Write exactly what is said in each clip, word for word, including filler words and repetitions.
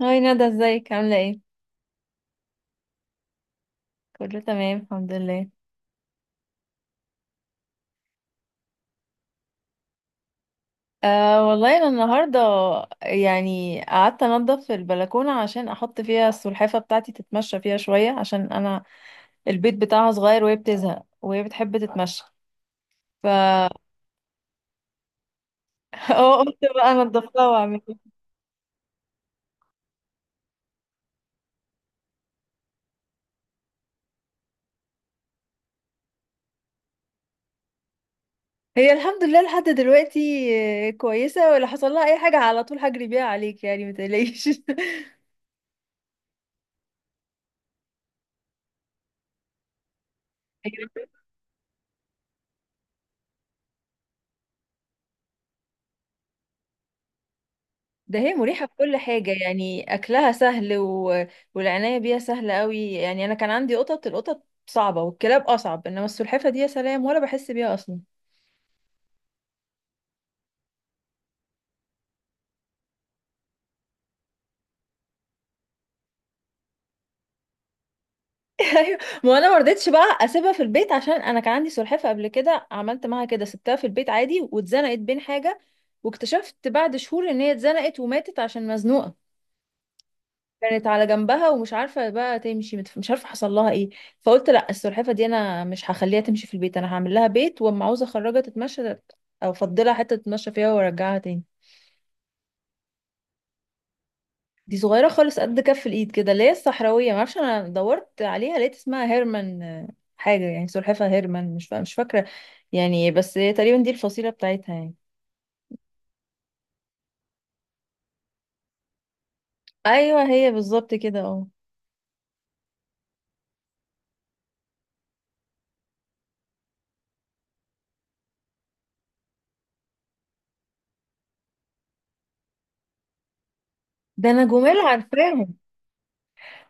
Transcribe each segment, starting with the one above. هاي ندى، ازيك عاملة ايه؟ كله تمام الحمد لله. أه والله انا النهاردة يعني قعدت انضف البلكونة عشان احط فيها السلحفة بتاعتي تتمشى فيها شوية عشان انا البيت بتاعها صغير، وهي بتزهق وهي بتحب تتمشى ف اه قلت بقى انضفها واعمل إيه. هي الحمد لله لحد دلوقتي آه، كويسة، ولا حصل لها اي حاجة على طول، هجري بيها عليك يعني، متقلقيش. ده هي مريحة في كل حاجة يعني أكلها سهل و... والعناية بيها سهلة قوي يعني أنا كان عندي قطط، القطط صعبة والكلاب أصعب، إنما السلحفة دي يا سلام، ولا بحس بيها أصلا. أيوة، ما أنا مرضتش بقى أسيبها في البيت عشان أنا كان عندي سلحفة قبل كده، عملت معاها كده سبتها في البيت عادي، واتزنقت بين حاجة، واكتشفت بعد شهور إن هي اتزنقت وماتت عشان مزنوقة. كانت على جنبها ومش عارفة بقى تمشي، متف- مش عارفة حصل لها ايه. فقلت لا، السلحفة دي انا مش هخليها تمشي في البيت، انا هعمل لها بيت، واما عاوزة اخرجها تتمشى او افضلها حتة تتمشى فيها وارجعها تاني. دي صغيرة خالص قد كف الايد كده، اللي هي الصحراوية، معرفش، انا دورت عليها لقيت اسمها هيرمان آه، حاجة يعني سلحفة هيرمان، مش فا... مش فاكرة يعني، بس هي تقريبا دي الفصيلة بتاعتها يعني. ايوه هي بالظبط كده اه ده انا جمال عارفاهم.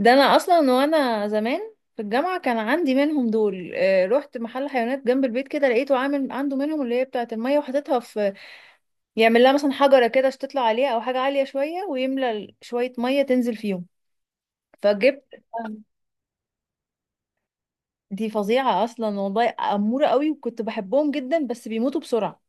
ده انا اصلا وانا زمان في الجامعه كان عندي منهم دول آه، رحت محل حيوانات جنب البيت كده، لقيته عامل عنده منهم اللي هي بتاعه الميه، وحاططها في، يعمل لها مثلا حجره كده عشان تطلع عليها او حاجه عاليه شويه، ويملى ال- شويه ميه تنزل فيهم، فجبت. دي فظيعه اصلا والله، اموره قوي، وكنت بحبهم جدا بس بيموتوا بسرعه.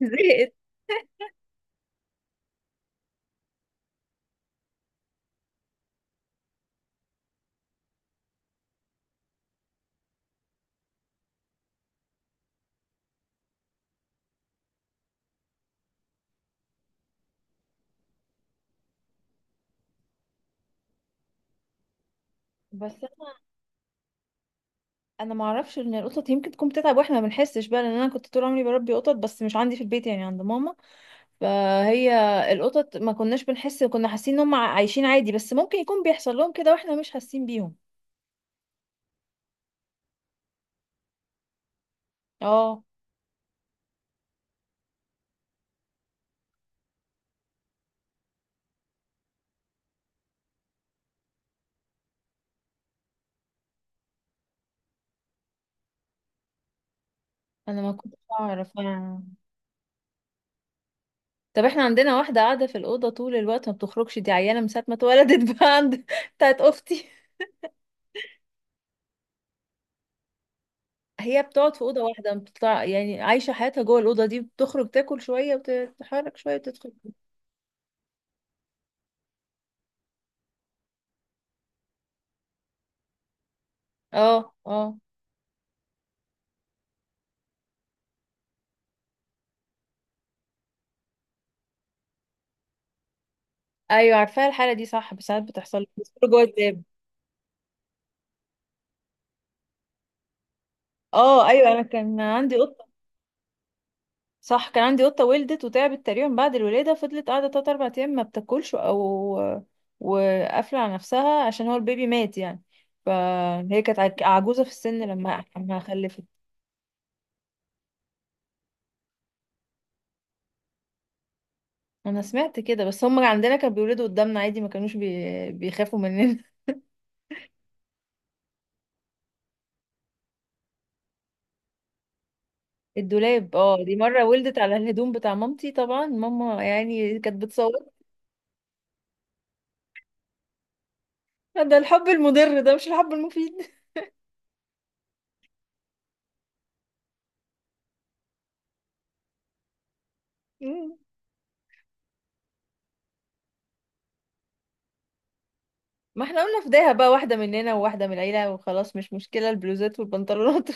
زهقت. بس انا ما اعرفش ان القطط يمكن تكون بتتعب واحنا ما بنحسش بقى، لان انا كنت طول عمري بربي قطط بس مش عندي في البيت يعني عند ماما. فهي القطط ما كناش بنحس، كنا حاسين ان هم عايشين عادي، بس ممكن يكون بيحصل لهم كده واحنا مش حاسين بيهم. اه انا ما كنتش اعرف يعني. طب احنا عندنا واحدة قاعدة في الأوضة طول الوقت ما بتخرجش، دي عيانة من ساعة ما اتولدت. بقى عند بتاعت أختي. هي بتقعد في أوضة واحدة، بتطلع يعني عايشة حياتها جوه الأوضة دي، بتخرج تاكل شوية وتتحرك شوية وتدخل. اه اه، ايوه عارفاها الحالة دي صح، بس ساعات بتحصل لي بتخرج جوه الداب. اه ايوه، انا كان عندي قطة. صح، كان عندي قطة ولدت وتعبت تقريبا بعد الولادة، فضلت قاعدة تلات أربع أيام ما بتاكلش أو وقافلة على نفسها عشان هو البيبي مات يعني. فهي كانت عج- عجوزة في السن، لما لما خلفت. أنا سمعت كده، بس هم عندنا كانوا بيولدوا قدامنا عادي، ما كانوش بي... بيخافوا مننا. الدولاب، اه دي مرة ولدت على الهدوم بتاع مامتي، طبعا ماما يعني كانت بتصور. ده الحب المضر، ده مش الحب المفيد. ما احنا قلنا فداها بقى، واحدة مننا وواحدة من العيلة وخلاص، مش مشكلة البلوزات والبنطلونات.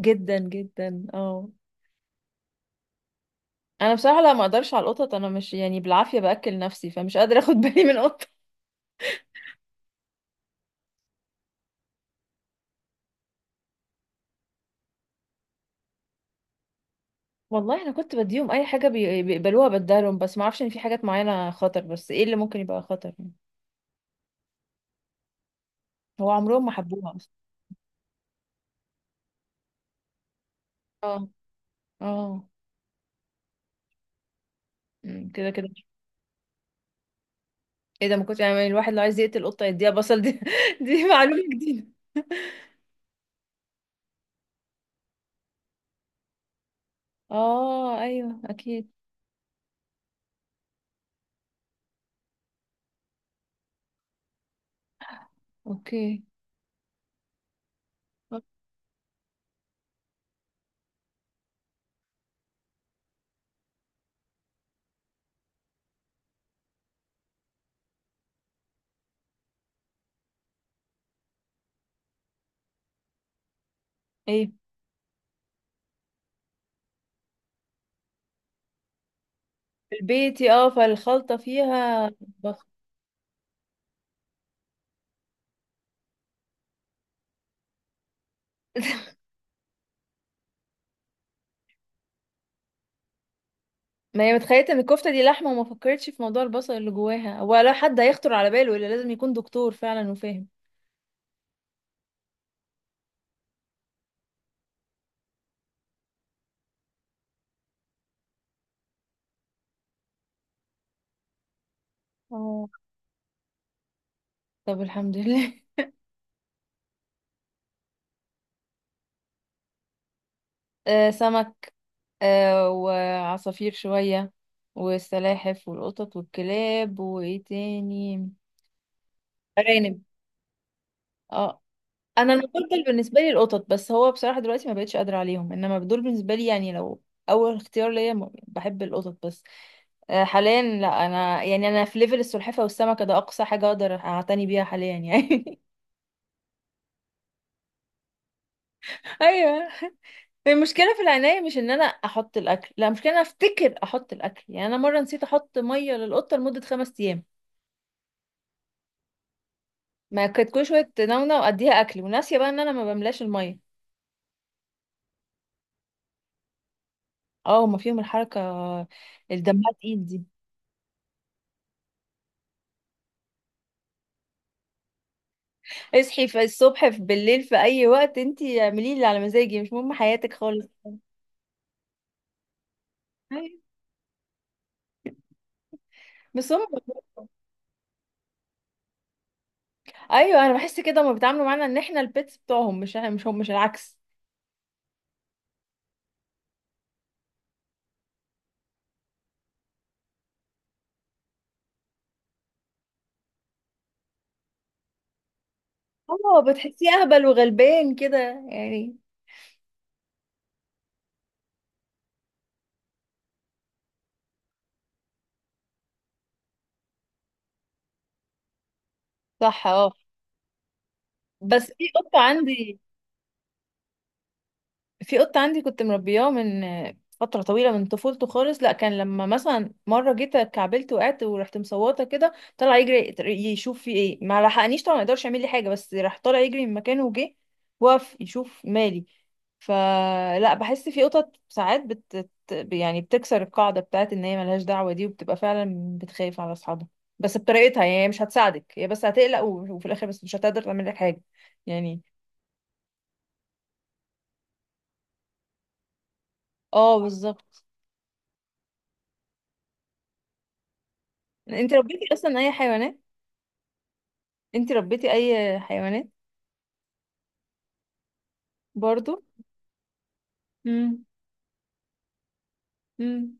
جدا جدا اه انا بصراحه لا، ما اقدرش على القطط، انا مش يعني، بالعافيه باكل نفسي، فمش قادره اخد بالي من قطه. والله انا كنت بديهم اي حاجه، بي... بيقبلوها بديهم، بس ما اعرفش ان في حاجات معينه خطر، بس ايه اللي ممكن يبقى خطر يعني. هو عمرهم ما حبوها اصلا. اه اه، أمم، كده كده. ايه ده، ما كنت يعني، الواحد لو عايز يقتل قطه يديها بصل دي. دي معلومه جديده. اه ايوه اكيد. اوكي. ايه؟ في البيت اه فالخلطه فيها بخ. ما هي متخيلة ان الكفتة دي لحمة، وما فكرتش في موضوع البصل اللي جواها، ولا حد هيخطر على باله الا لازم يكون دكتور فعلا وفاهم. اه، طب الحمد لله. آه سمك، آه وعصافير شوية، والسلاحف والقطط والكلاب، وايه تاني؟ أرانب. اه انا المفضل بالنسبة لي القطط، بس هو بصراحة دلوقتي ما بقتش قادرة عليهم، انما دول بالنسبة لي يعني لو اول اختيار ليا، م- بحب القطط بس. آه، حاليا لا، انا يعني انا في ليفل السلحفه والسمكه، ده اقصى حاجه اقدر اعتني بيها حاليا يعني. ايوه، المشكله في العنايه مش ان انا احط الاكل، لا، المشكله إن انا افتكر احط الاكل، يعني انا مره نسيت احط ميه للقطه لمده خمس ايام. ما كانت كل شويه نونة واديها اكل، وناسيه بقى ان انا ما بملاش الميه. اه، هما فيهم الحركه، الدمها تقيل دي. اصحي في الصبح في بالليل في اي وقت، انتي اعملي اللي على مزاجي، مش مهم حياتك خالص. أيوة. بس هم. ايوه، انا بحس كده، هما بيتعاملوا معانا ان احنا البيتس بتوعهم، مش مش هم، مش العكس. اه بتحسيه اهبل وغلبان كده يعني. صح اه بس في قطة عندي في قط عندي كنت مربياه من فترة طويلة من طفولته خالص. لا، كان لما مثلا مرة جيت كعبلت وقعت ورحت مصوتة كده، طلع يجري يشوف في ايه، ما لحقنيش طبعا، ما يقدرش يعمل لي حاجة، بس راح طالع يجري من مكانه وجه وقف يشوف مالي. فلا بحس في قطط ساعات بت بت- يعني بتكسر القاعدة بتاعت ان هي ملهاش دعوة دي، وبتبقى فعلا بتخاف على اصحابها، بس بطريقتها يعني، هي مش هتساعدك، هي بس هتقلق، و- وفي الاخر بس مش هتقدر تعمل لك حاجة يعني. اه بالظبط. انت ربيتي اصلا اي حيوانات انتي ربيتي اي حيوانات؟ برضو. امم امم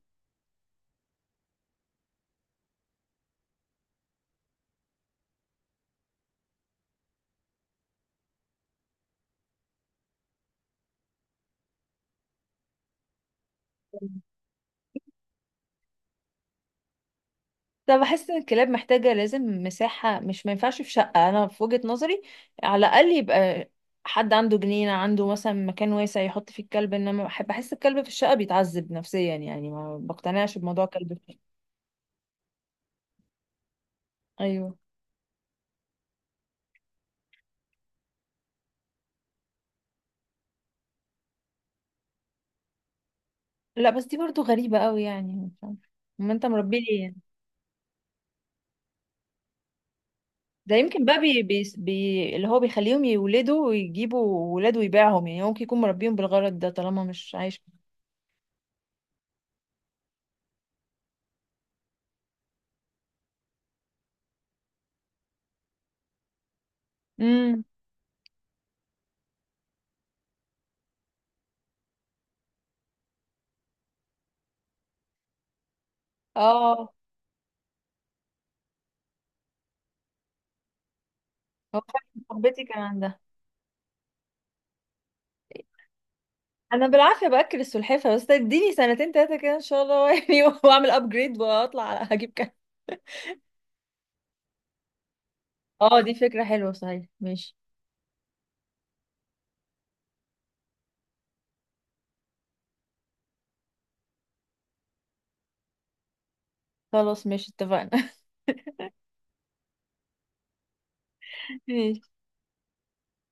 طب بحس ان الكلاب محتاجة لازم مساحة، مش ما ينفعش في شقة، انا في وجهة نظري على الاقل يبقى حد عنده جنينة، عنده مثلا مكان واسع يحط فيه الكلب، انما بحب بحس الكلب في الشقة بيتعذب نفسيا يعني، ما بقتنعش بموضوع كلب في الشقة. ايوه لا، بس دي برضو غريبة قوي يعني مش عارفة. ما انت مربيه ليه يعني؟ ده يمكن بقى بي بي بي اللي هو بيخليهم يولدوا ويجيبوا ولاد ويبيعهم، يعني هو ممكن يكون مربيهم بالغرض ده طالما مش عايش. امم. اه، هو فعلا صاحبتي كان عندها. انا بالعافيه باكل السلحفه بس، اديني سنتين تلاته كده ان شاء الله يعني. واعمل ابجريد واطلع على هجيب كده. اه دي فكره حلوه صحيح، ماشي. خلاص ماشي اتفقنا. ماشي.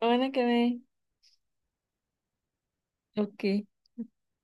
وانا كمان. اوكي.